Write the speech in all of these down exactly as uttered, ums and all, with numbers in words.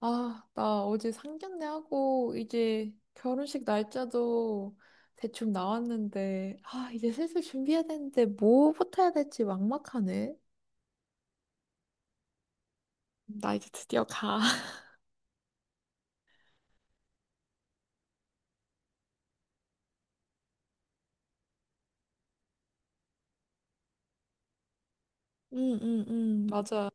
아, 나 어제 상견례하고 이제 결혼식 날짜도 대충 나왔는데, 아, 이제 슬슬 준비해야 되는데 뭐부터 해야 될지 막막하네. 나 이제 드디어 가. 응, 응, 응, 맞아.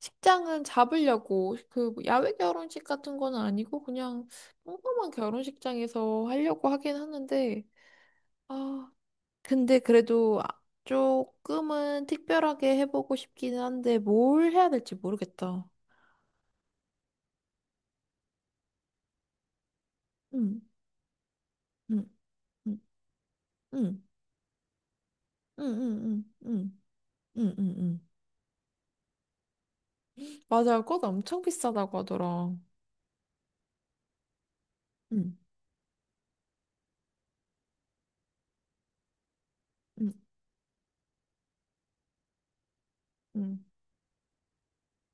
식장은 잡으려고 그 야외 결혼식 같은 건 아니고 그냥 평범한 결혼식장에서 하려고 하긴 하는데, 아, 근데 그래도 아- 조금은 특별하게 해보고 싶기는 한데 뭘 해야 될지 모르겠다. 응. 응. 응, 응, 응, 응, 응, 응, 응, 응. 맞아, 꽃 엄청 비싸다고 하더라. 응, 응, 응,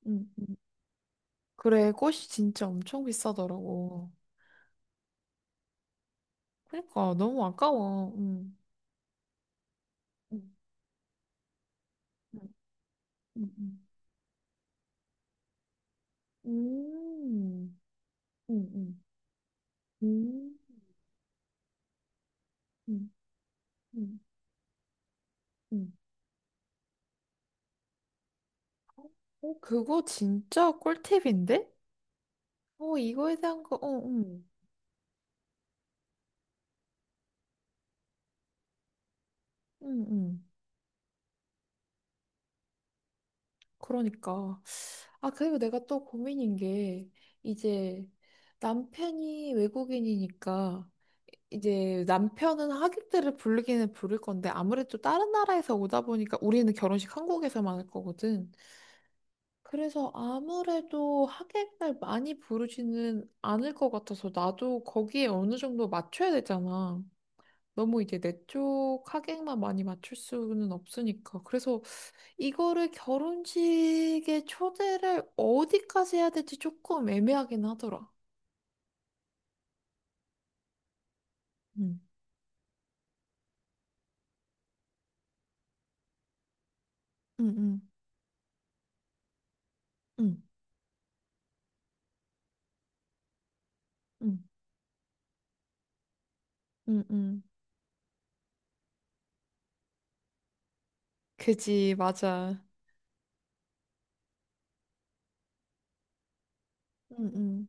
응. 응. 그래, 꽃이 진짜 엄청 비싸더라고. 그러니까 너무 아까워. 응, 응, 응, 응, 응. 음, 응, 응, 음, 응, 응, 응. 어, 그거 진짜 꿀팁인데? 어, 이거에 대한 거, 어, 응, 응, 응. 그러니까. 아, 그리고 내가 또 고민인 게, 이제 남편이 외국인이니까, 이제 남편은 하객들을 부르기는 부를 건데, 아무래도 다른 나라에서 오다 보니까 우리는 결혼식 한국에서만 할 거거든. 그래서 아무래도 하객을 많이 부르지는 않을 것 같아서, 나도 거기에 어느 정도 맞춰야 되잖아. 너무 이제 내 쪽 하객만 많이 맞출 수는 없으니까. 그래서 이거를 결혼식에 초대를 어디까지 해야 될지 조금 애매하긴 하더라. 응, 응, 응, 응, 응, 응, 응. 그지, 맞아. 응, 응,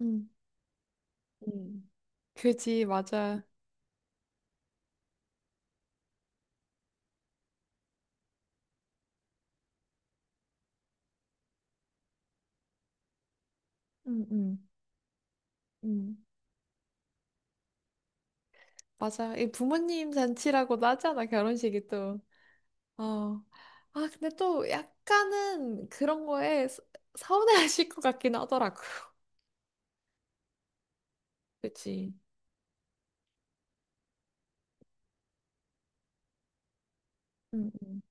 응. 응, 그지, 맞아. 응, 응, 응. 맞아. 이 부모님 잔치라고도 하잖아, 결혼식이 또. 어. 아, 근데 또 약간은 그런 거에 서- 서운해하실 것 같긴 하더라고. 그치. 응,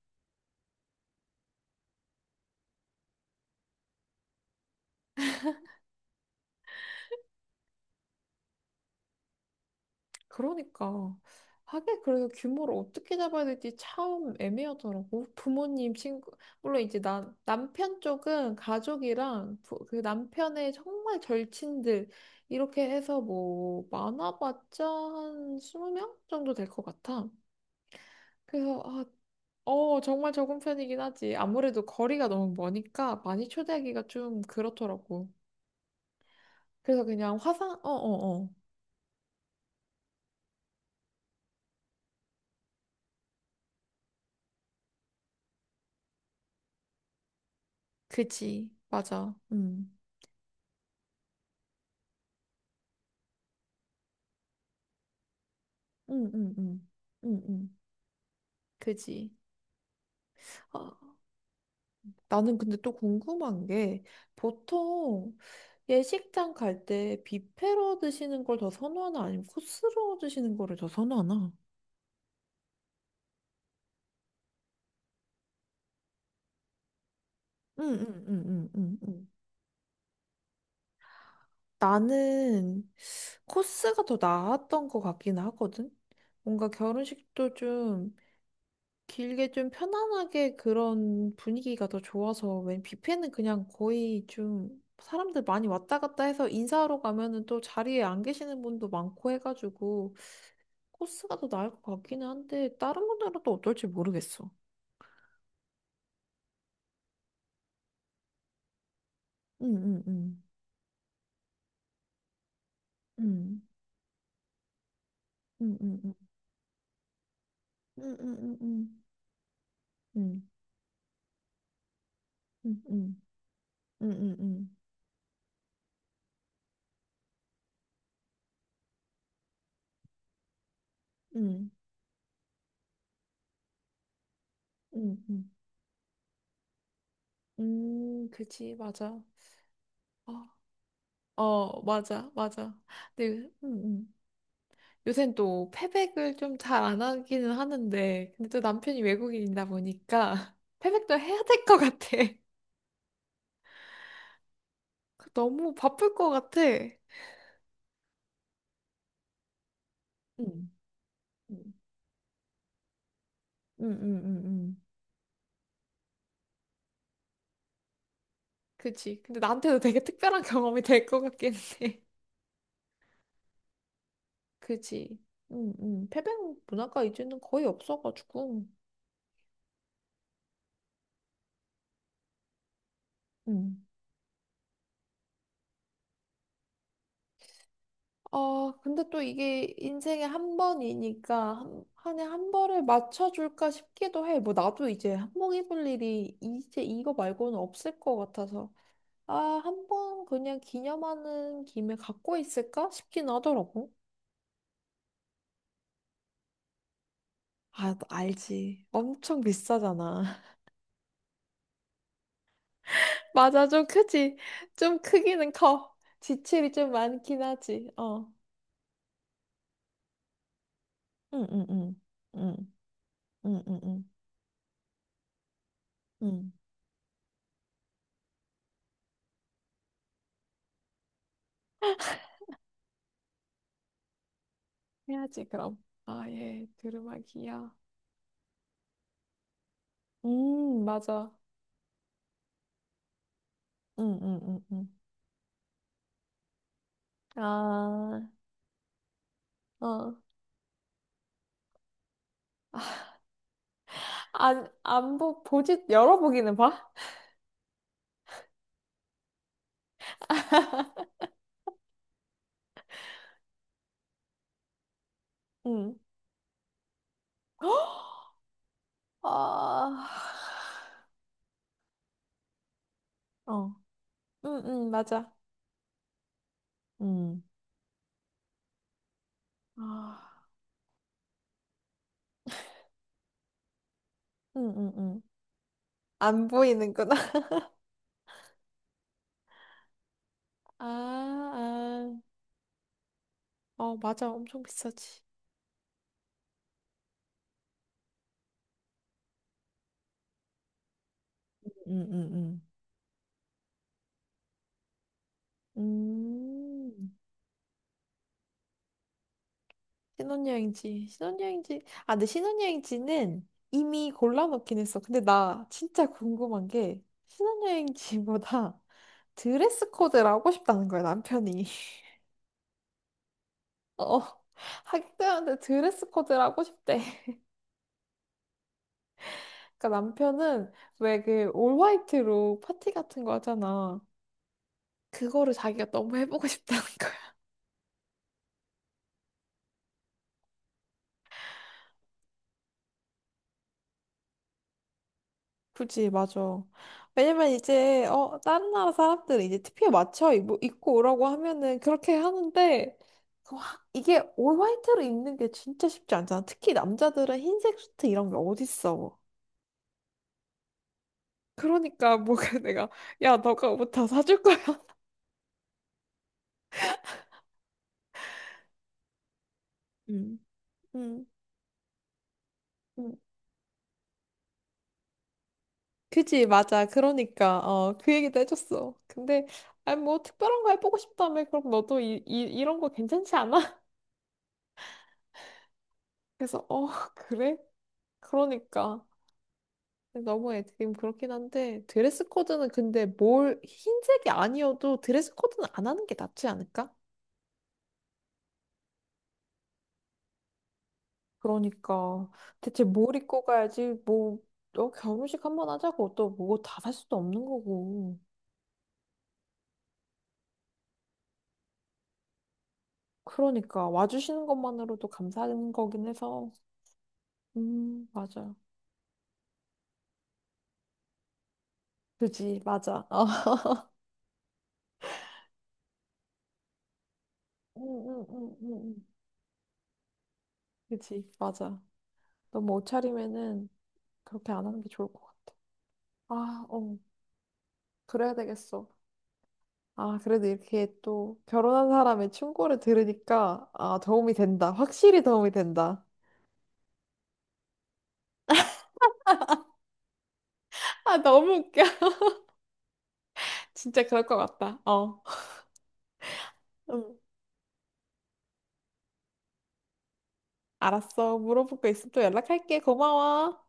그러니까 하게 그래서 규모를 어떻게 잡아야 될지 참 애매하더라고. 부모님, 친구, 물론 이제 남 남편 쪽은 가족이랑 부, 그 남편의 정말 절친들 이렇게 해서 뭐 많아봤자 한 스무 명 정도 될 것 같아. 그래서 아, 어, 정말 적은 편이긴 하지. 아무래도 거리가 너무 머니까 많이 초대하기가 좀 그렇더라고. 그래서 그냥 화상, 어, 어, 어. 그지. 맞아. 음. 음, 음, 음. 음, 음. 그지? 아, 나는 근데 또 궁금한 게 보통 예식장 갈 때 뷔페로 드시는 걸 더 선호하나 아니면 코스로 드시는 거를 더 선호하나? 응응응응응응. 나는 코스가 더 나았던 것 같긴 하거든. 뭔가 결혼식도 좀 길게 좀 편안하게 그런 분위기가 더 좋아서 웬 뷔페는 그냥 거의 좀 사람들 많이 왔다 갔다 해서 인사하러 가면은 또 자리에 안 계시는 분도 많고 해가지고 코스가 더 나을 것 같기는 한데 다른 분들은 또 어떨지 모르겠어. 응응응. 응응응응. 응응응응. 응응응응. 응응응. 응 응응 응응. 음, 음, 음, 음. 음, 음, 음. 음, 음, 음. 음, 음, 음. 음, 그치, 맞아. 어, 어, 맞아, 맞아. 네, 응응. 요새는 또 패백을 좀 잘 안 하기는 하는데, 근데 또 남편이 외국인이다 보니까 패백도 해야 될 것 같아. 너무 바쁠 것 같아. 응 응응응응 그지. 근데 나한테도 되게 특별한 경험이 될 것 같긴 해. 그지. 응응 패백 문화가 이제는 거의 없어가지고. 응 아, 근데 또 이게 인생에 한 번이니까 한, 한해 한 벌을 맞춰줄까 싶기도 해. 뭐 나도 이제 한복 입을 일이 이제 이거 말고는 없을 것 같아서. 아, 한 번 그냥 기념하는 김에 갖고 있을까 싶긴 하더라고. 아, 너 알지. 엄청 비싸잖아. 맞아, 좀 크지. 좀 크기는 커. 지출이 좀 많긴 하지. 어. 응, 응, 응. 응, 응, 응, 응. 응. 해야지, 그럼. 아, 예. 두루마기야. 음, 맞아. 응, 응, 응, 응. 아, 어. 안, 안 보, 보지, 열어보기는 봐? 응. 아, 어. 응, 응, 맞아. 음. 아, 응, 응, 응. 안 보이는구나. 아, 아. 어, 맞아. 엄청 비싸지. 음, 음, 음. 음. 신혼여행지, 신혼여행지. 아, 근데 신혼여행지는 이미 골라놓긴 했어. 근데 나 진짜 궁금한 게 신혼여행지보다 드레스 코드를 하고 싶다는 거야, 남편이. 어, 하객들한테 드레스 코드를 하고 싶대. 그러니까 남편은 왜 그 올 화이트로 파티 같은 거 하잖아. 그거를 자기가 너무 해보고 싶다는 거야. 그지, 맞아. 왜냐면 이제, 어, 다른 나라 사람들은 이제 티피에 맞춰 입, 입고 오라고 하면은 그렇게 하는데, 그 확- 이게 올 화이트로 입는 게 진짜 쉽지 않잖아. 특히 남자들은 흰색 수트 이런 게 어딨어. 그러니까 뭐 내가, 야, 너가 옷 다 사줄 거야. 음. 음, 음. 그지, 맞아. 그러니까, 어, 그 얘기도 해줬어. 근데, 아니, 뭐, 특별한 거 해보고 싶다며. 그럼 너도 이, 이, 이런 거 괜찮지 않아? 그래서, 어, 그래? 그러니까. 너무 애드림 그렇긴 한데 드레스 코드는 근데 뭘 흰색이 아니어도 드레스 코드는 안 하는 게 낫지 않을까? 그러니까 대체 뭘 입고 가야지 뭐 어, 결혼식 한번 하자고 또 뭐 다 살 수도 없는 거고 그러니까 와주시는 것만으로도 감사한 거긴 해서 음 맞아 그지 맞아 어. 음, 음, 음, 음, 음. 그지 맞아 너무 옷차림에는 그렇게 안 하는 게 좋을 것 같아 아 어 그래야 되겠어 아, 그래도 이렇게 또 결혼한 사람의 충고를 들으니까, 아, 도움이 된다. 확실히 도움이 된다. 아, 너무 웃겨. 진짜 그럴 것 같다. 어. 음, 알았어. 물어볼 거 있으면 또 연락할게. 고마워.